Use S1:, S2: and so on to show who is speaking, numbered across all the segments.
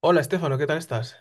S1: Hola, Estefano, ¿qué tal estás?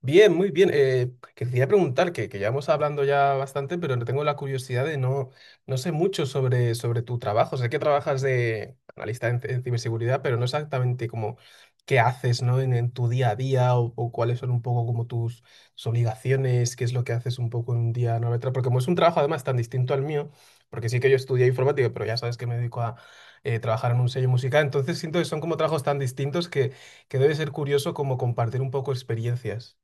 S1: Bien, muy bien. Que quería preguntar, que llevamos hablando ya bastante, pero no tengo la curiosidad de no, no sé mucho sobre tu trabajo. Sé que trabajas de analista en ciberseguridad, pero no exactamente como qué haces, ¿no? En tu día a día o cuáles son un poco como tus, tus obligaciones, qué es lo que haces un poco en un día, ¿no? Porque como es un trabajo además tan distinto al mío, porque sí que yo estudié informática, pero ya sabes que me dedico a trabajar en un sello musical, entonces siento que son como trabajos tan distintos que debe ser curioso como compartir un poco experiencias.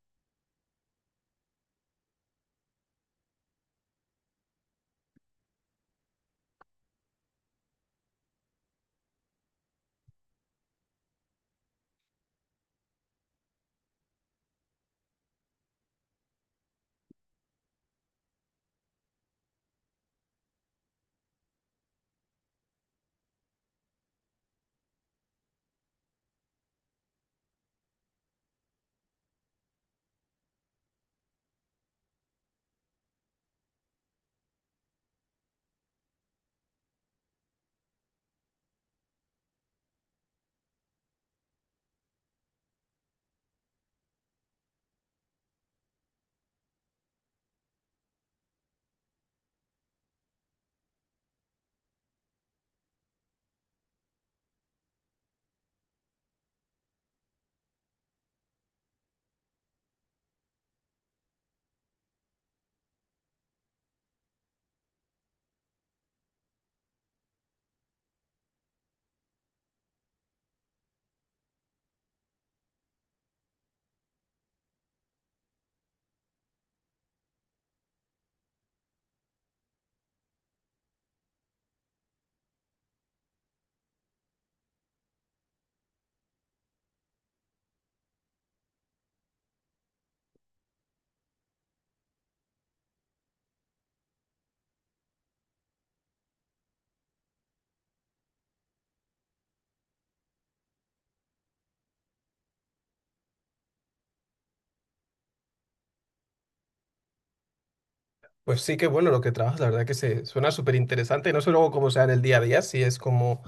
S1: Pues sí, que bueno lo que trabajas, la verdad que se suena súper interesante. No sé luego cómo sea en el día a día, si es como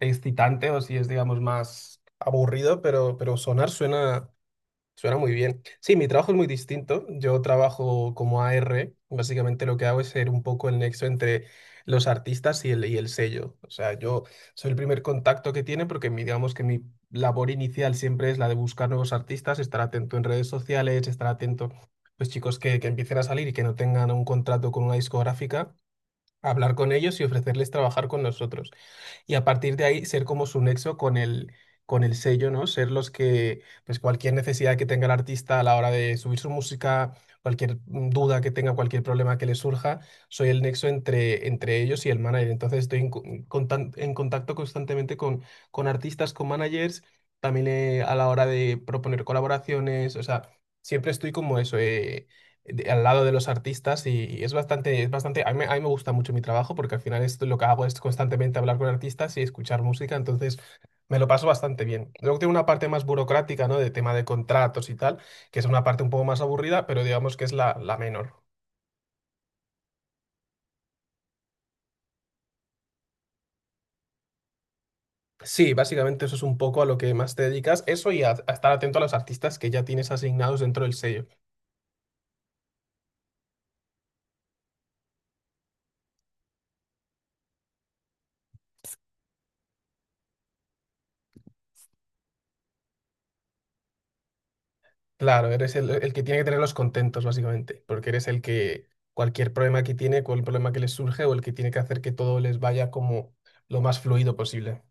S1: excitante o si es, digamos, más aburrido, pero sonar suena. Suena muy bien. Sí, mi trabajo es muy distinto. Yo trabajo como AR. Básicamente lo que hago es ser un poco el nexo entre los artistas y el sello. O sea, yo soy el primer contacto que tiene porque digamos que mi labor inicial siempre es la de buscar nuevos artistas, estar atento en redes sociales, estar atento, pues chicos que empiecen a salir y que no tengan un contrato con una discográfica, hablar con ellos y ofrecerles trabajar con nosotros y a partir de ahí ser como su nexo con el sello, ¿no? Ser los que, pues cualquier necesidad que tenga el artista a la hora de subir su música, cualquier duda que tenga, cualquier problema que le surja, soy el nexo entre, entre ellos y el manager. Entonces estoy en contacto constantemente con artistas, con managers, también a la hora de proponer colaboraciones, o sea, siempre estoy como eso. Al lado de los artistas y es bastante, a mí me gusta mucho mi trabajo porque al final esto, lo que hago es constantemente hablar con artistas y escuchar música, entonces me lo paso bastante bien. Luego tiene una parte más burocrática, ¿no? De tema de contratos y tal, que es una parte un poco más aburrida, pero digamos que es la, la menor. Sí, básicamente eso es un poco a lo que más te dedicas, eso y a estar atento a los artistas que ya tienes asignados dentro del sello. Claro, eres el que tiene que tenerlos contentos, básicamente, porque eres el que cualquier problema que tiene, cualquier problema que les surge o el que tiene que hacer que todo les vaya como lo más fluido posible.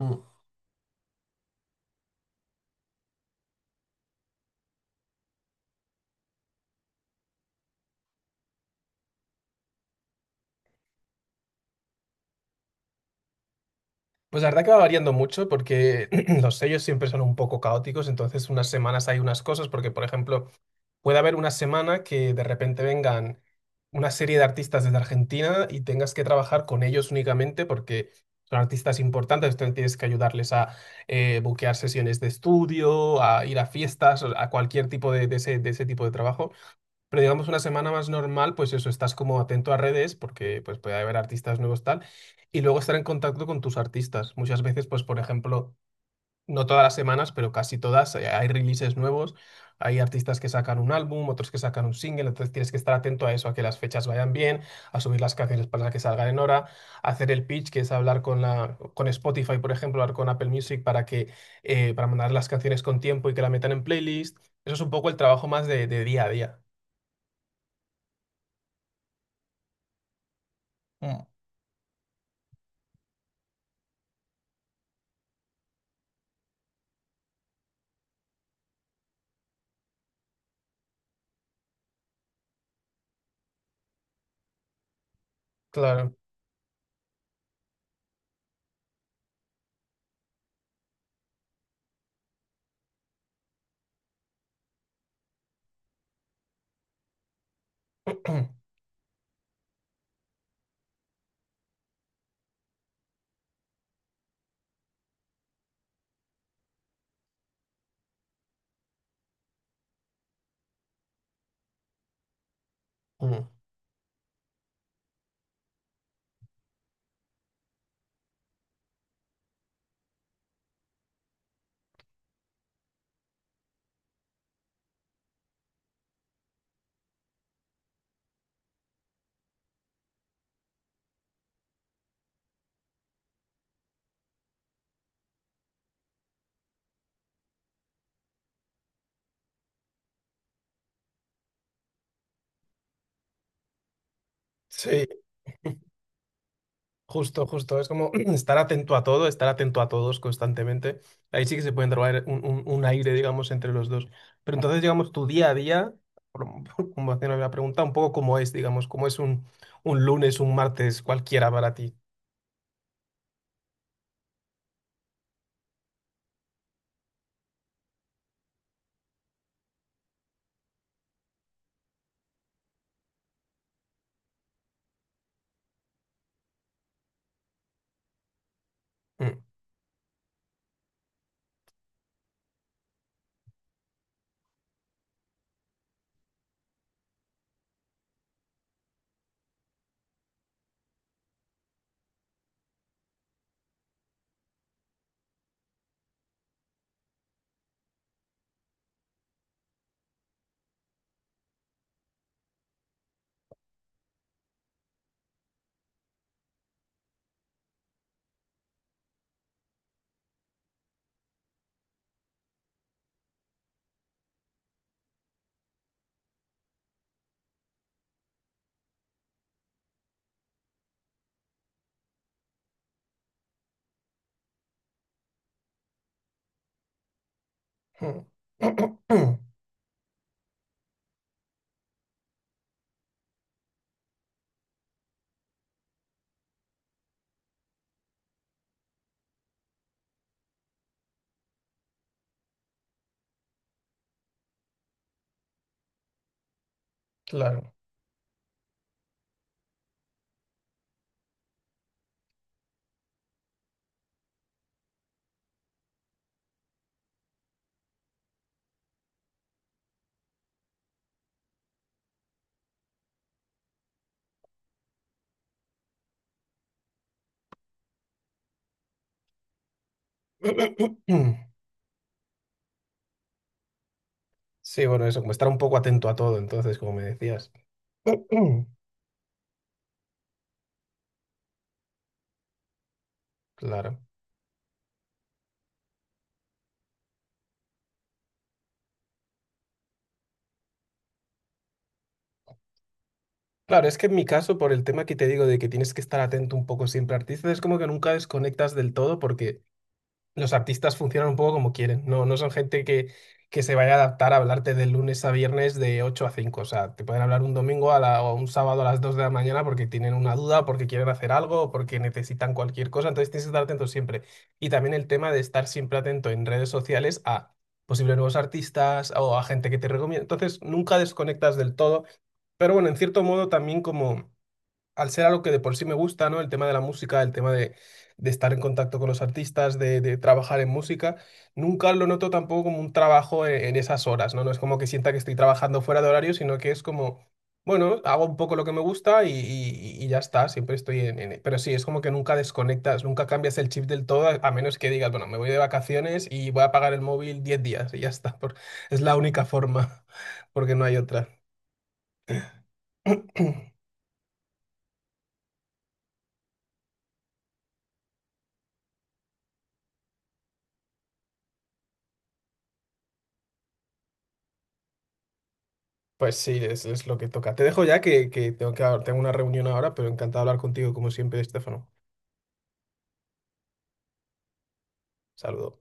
S1: Mm. Pues la verdad que va variando mucho porque los sellos siempre son un poco caóticos, entonces unas semanas hay unas cosas, porque por ejemplo, puede haber una semana que de repente vengan una serie de artistas desde Argentina y tengas que trabajar con ellos únicamente porque son artistas importantes, entonces tienes que ayudarles a buquear sesiones de estudio, a ir a fiestas, a cualquier tipo de ese tipo de trabajo. Pero digamos una semana más normal, pues eso, estás como atento a redes porque pues puede haber artistas nuevos tal y luego estar en contacto con tus artistas. Muchas veces, pues por ejemplo, no todas las semanas, pero casi todas, hay releases nuevos, hay artistas que sacan un álbum, otros que sacan un single, entonces tienes que estar atento a eso, a que las fechas vayan bien, a subir las canciones para que salgan en hora, hacer el pitch, que es hablar con Spotify, por ejemplo, hablar con Apple Music para mandar las canciones con tiempo y que la metan en playlist. Eso es un poco el trabajo más de día a día. Claro. Mm. Sí, justo, justo. Es como estar atento a todo, estar atento a todos constantemente. Ahí sí que se pueden trabajar un aire, digamos, entre los dos. Pero entonces, digamos, tu día a día, por- como haciendo la pregunta, un poco cómo es, digamos, cómo es un lunes, un martes, cualquiera para ti. Mm, mm. Claro. Sí, bueno, eso, como estar un poco atento a todo, entonces, como me decías. Claro. Claro, es que en mi caso, por el tema que te digo de que tienes que estar atento un poco siempre al artista, es como que nunca desconectas del todo porque los artistas funcionan un poco como quieren, no, no son gente que se vaya a adaptar a hablarte de lunes a viernes de 8 a 5, o sea, te pueden hablar un domingo o un sábado a las 2 de la mañana porque tienen una duda, porque quieren hacer algo, o porque necesitan cualquier cosa, entonces tienes que estar atento siempre. Y también el tema de estar siempre atento en redes sociales a posibles nuevos artistas o a gente que te recomienda, entonces nunca desconectas del todo, pero bueno, en cierto modo también como al ser algo que de por sí me gusta, ¿no? El tema de la música, el tema de estar en contacto con los artistas, de trabajar en música, nunca lo noto tampoco como un trabajo en esas horas, ¿no? No es como que sienta que estoy trabajando fuera de horario, sino que es como, bueno, hago un poco lo que me gusta y ya está, siempre estoy. Pero sí, es como que nunca desconectas, nunca cambias el chip del todo, a menos que digas, bueno, me voy de vacaciones y voy a pagar el móvil 10 días y ya está, es la única forma, porque no hay otra. Pues sí, es lo que toca. Te dejo ya que tengo tengo una reunión ahora, pero encantado de hablar contigo como siempre, Estefano. Saludo.